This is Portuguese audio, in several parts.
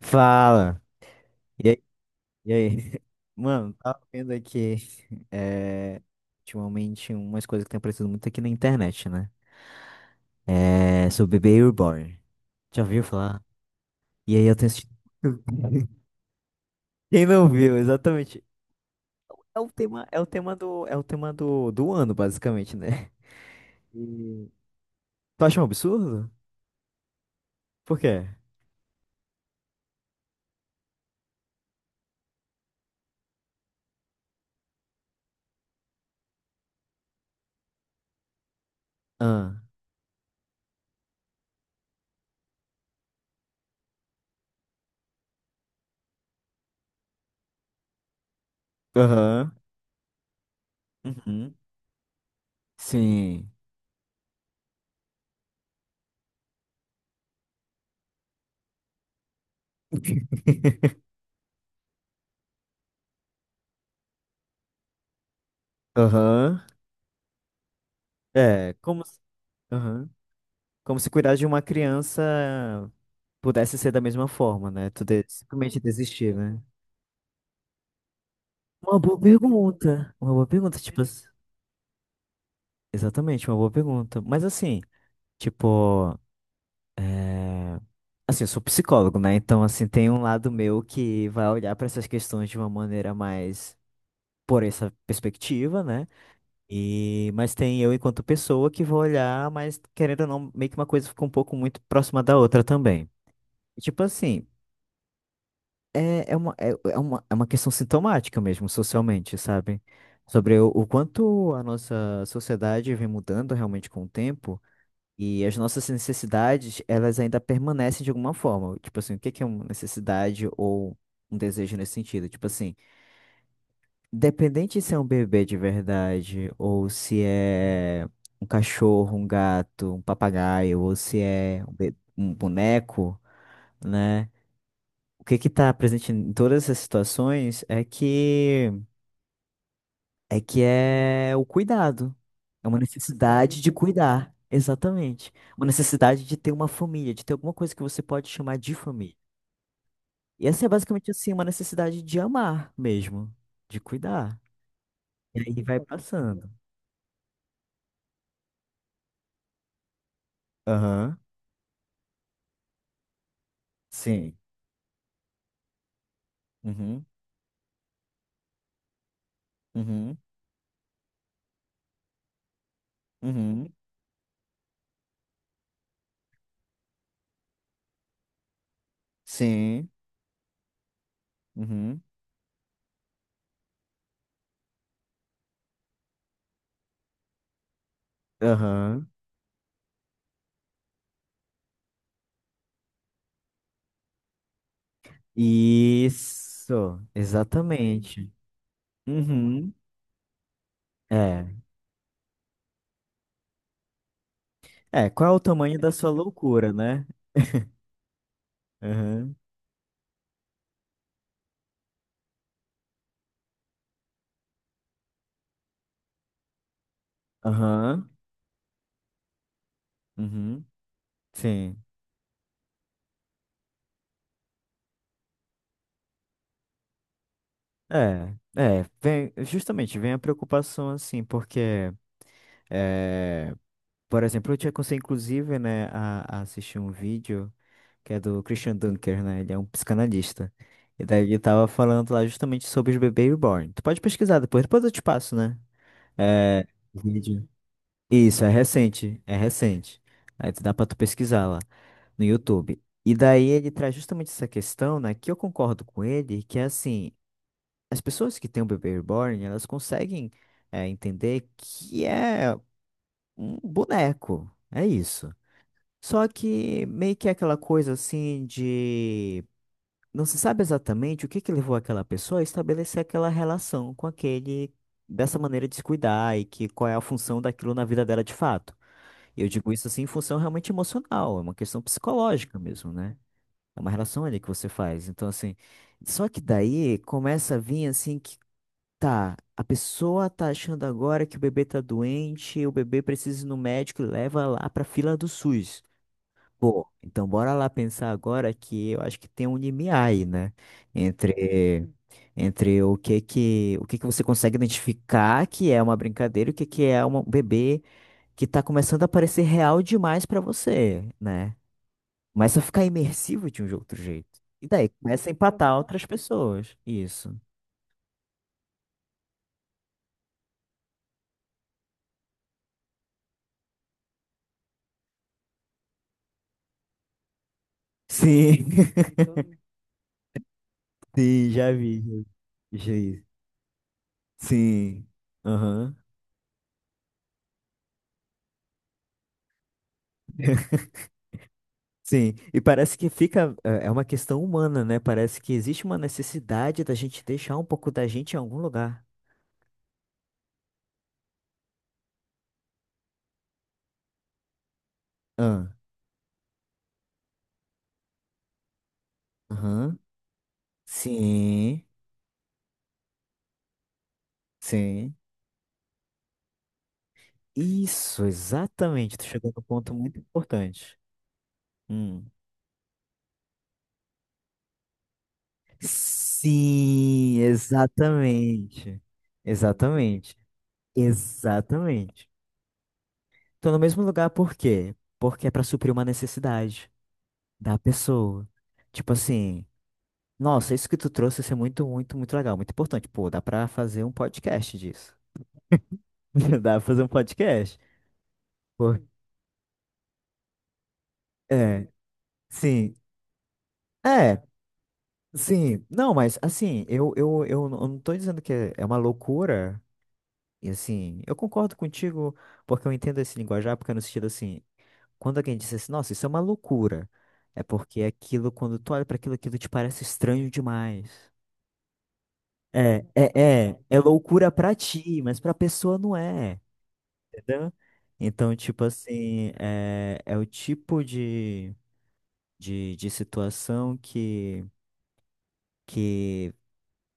Fala. E aí? E aí? Mano, tava vendo aqui é, ultimamente umas coisas que tem aparecido muito aqui na internet, né? É, sobre Baby Reborn. Já ouviu falar? E aí eu tenho assistido. Quem não viu, exatamente. É o tema, é o tema do, do ano, basicamente, né? E... Tu acha um absurdo? Por quê? Ah. Aham. Uhum. Sim. Aham. É, como. Se- Aham. Como se cuidar de uma criança pudesse ser da mesma forma, né? Simplesmente desistir, né? Uma boa pergunta. Uma boa pergunta, exatamente, uma boa pergunta. Mas assim, tipo, é... assim, eu sou psicólogo, né? Então, assim, tem um lado meu que vai olhar para essas questões de uma maneira mais por essa perspectiva, né? E mas tem eu enquanto pessoa que vou olhar, mas querendo ou não, meio que uma coisa fica um pouco muito próxima da outra também. E, tipo assim, é uma questão sintomática mesmo, socialmente, sabe? Sobre o quanto a nossa sociedade vem mudando realmente com o tempo e as nossas necessidades, elas ainda permanecem de alguma forma. Tipo assim, o que que é uma necessidade ou um desejo nesse sentido? Tipo assim, independente se é um bebê de verdade ou se é um cachorro, um gato, um papagaio ou se é um boneco, né? O que que está presente em todas essas situações é que é que é o cuidado. É uma necessidade de cuidar, exatamente. Uma necessidade de ter uma família, de ter alguma coisa que você pode chamar de família. E essa é basicamente assim, uma necessidade de amar mesmo, de cuidar. E aí vai passando. Aham. Sim. Uhum. Uhum. Uhum. Sim. Uhum. Aham. Isso, exatamente. Uhum. É. É, qual é o tamanho da sua loucura, né? Aham, aham, uhum, sim. É, é, vem, justamente, vem a preocupação, assim, porque, é, por exemplo, eu tinha conseguido, inclusive, né, a assistir um vídeo que é do Christian Dunker, né, ele é um psicanalista, e daí ele tava falando lá justamente sobre os bebês reborn. Tu pode pesquisar depois, depois eu te passo, né? É, o vídeo. Isso, é recente, é recente. Aí tu dá pra tu pesquisar lá no YouTube. E daí ele traz justamente essa questão, né, que eu concordo com ele, que é assim, as pessoas que têm o bebê reborn, elas conseguem entender que é um boneco, é isso. Só que meio que é aquela coisa assim de não se sabe exatamente o que que levou aquela pessoa a estabelecer aquela relação com aquele, dessa maneira de se cuidar, e que qual é a função daquilo na vida dela de fato. E eu digo isso assim em função realmente emocional, é uma questão psicológica mesmo, né? É uma relação ali que você faz. Então, assim, só que daí começa a vir assim que tá, a pessoa tá achando agora que o bebê tá doente, o bebê precisa ir no médico e leva lá pra fila do SUS. Pô, então bora lá pensar agora que eu acho que tem um limiar aí, né? Entre, entre o que que você consegue identificar que é uma brincadeira e o que que é um bebê que tá começando a parecer real demais pra você, né? Começa a ficar imersivo de um outro jeito. E daí começa a empatar outras pessoas. Isso. Sim. Sim, já vi. Já vi. Sim. Aham. Sim. E parece que fica. É, é uma questão humana, né? Parece que existe uma necessidade da gente deixar um pouco da gente em algum lugar. Ah. Aham. Sim. Sim. Isso, exatamente. Tu chegou no ponto muito importante. Hum. Sim, exatamente. Exatamente. Exatamente. Tô no mesmo lugar por quê? Porque é pra suprir uma necessidade da pessoa. Tipo assim, nossa, isso que tu trouxe isso é muito, muito, muito legal, muito importante. Pô, dá pra fazer um podcast disso. Dá pra fazer um podcast. Pô, é, sim. É, sim. Não, mas assim, eu não tô dizendo que é uma loucura. E assim, eu concordo contigo, porque eu entendo esse linguajar, porque é no sentido assim, quando alguém diz assim, nossa, isso é uma loucura, é porque é aquilo, quando tu olha para aquilo, aquilo te parece estranho demais. É loucura pra ti, mas pra pessoa não é, entendeu? Então, tipo assim, é, é o tipo de situação que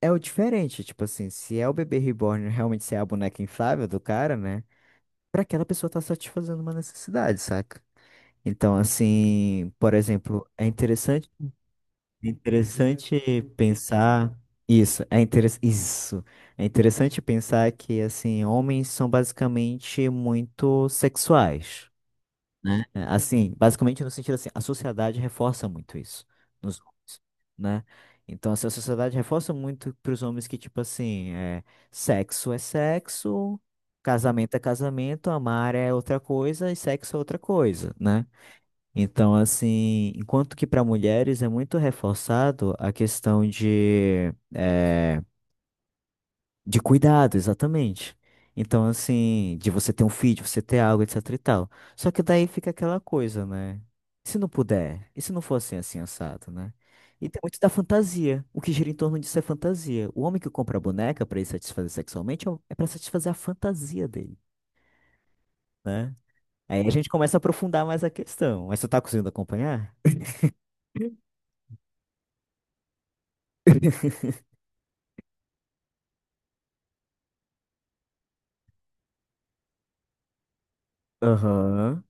é o diferente, tipo assim, se é o bebê reborn realmente ser a boneca inflável do cara, né? Para aquela pessoa estar satisfazendo uma necessidade, saca? Então, assim, por exemplo, é interessante pensar isso, isso. É interessante pensar que assim, homens são basicamente muito sexuais, né? É, assim, basicamente no sentido assim, a sociedade reforça muito isso nos homens, né? Então, assim, a sociedade reforça muito para os homens que, tipo assim, é sexo, casamento é casamento, amar é outra coisa e sexo é outra coisa, né? Então, assim, enquanto que para mulheres é muito reforçado a questão de é, de cuidado, exatamente. Então, assim, de você ter um feed, você ter algo, etc e tal. Só que daí fica aquela coisa, né? Se não puder, e se não for assim, assim, assado, né? E tem muito da fantasia. O que gira em torno disso é fantasia. O homem que compra a boneca pra ele satisfazer sexualmente é pra satisfazer a fantasia dele, né? Aí a gente começa a aprofundar mais a questão. Mas você tá conseguindo acompanhar? Aham.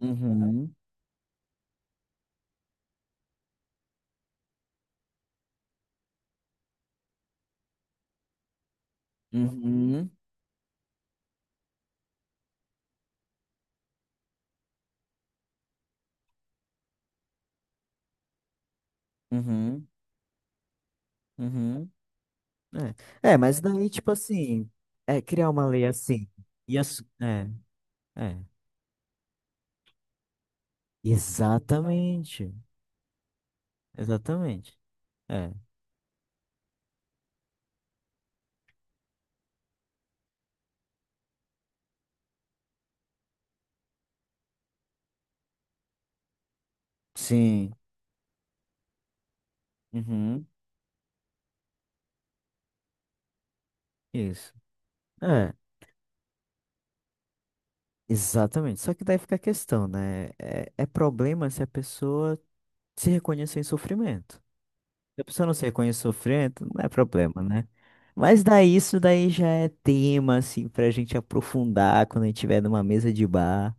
Uhum. Uhum. Uhum. Uhum. É, é, mas daí, tipo assim, é criar uma lei assim. E as, é, é. Exatamente. Exatamente. É. Sim. Uhum. Isso. É, exatamente. Só que daí fica a questão, né? É, é problema se a pessoa se reconhecer em sofrimento. Se a pessoa não se reconhece em sofrimento, não é problema, né? Mas daí isso daí já é tema, assim, pra gente aprofundar quando a gente tiver numa mesa de bar,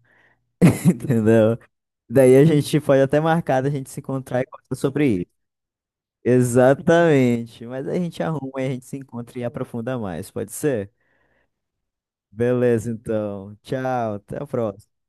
entendeu? Daí a gente pode até marcar da gente se encontrar e conversar sobre isso. Exatamente. Mas a gente arruma e a gente se encontra e aprofunda mais, pode ser? Beleza, então. Tchau, até a próxima.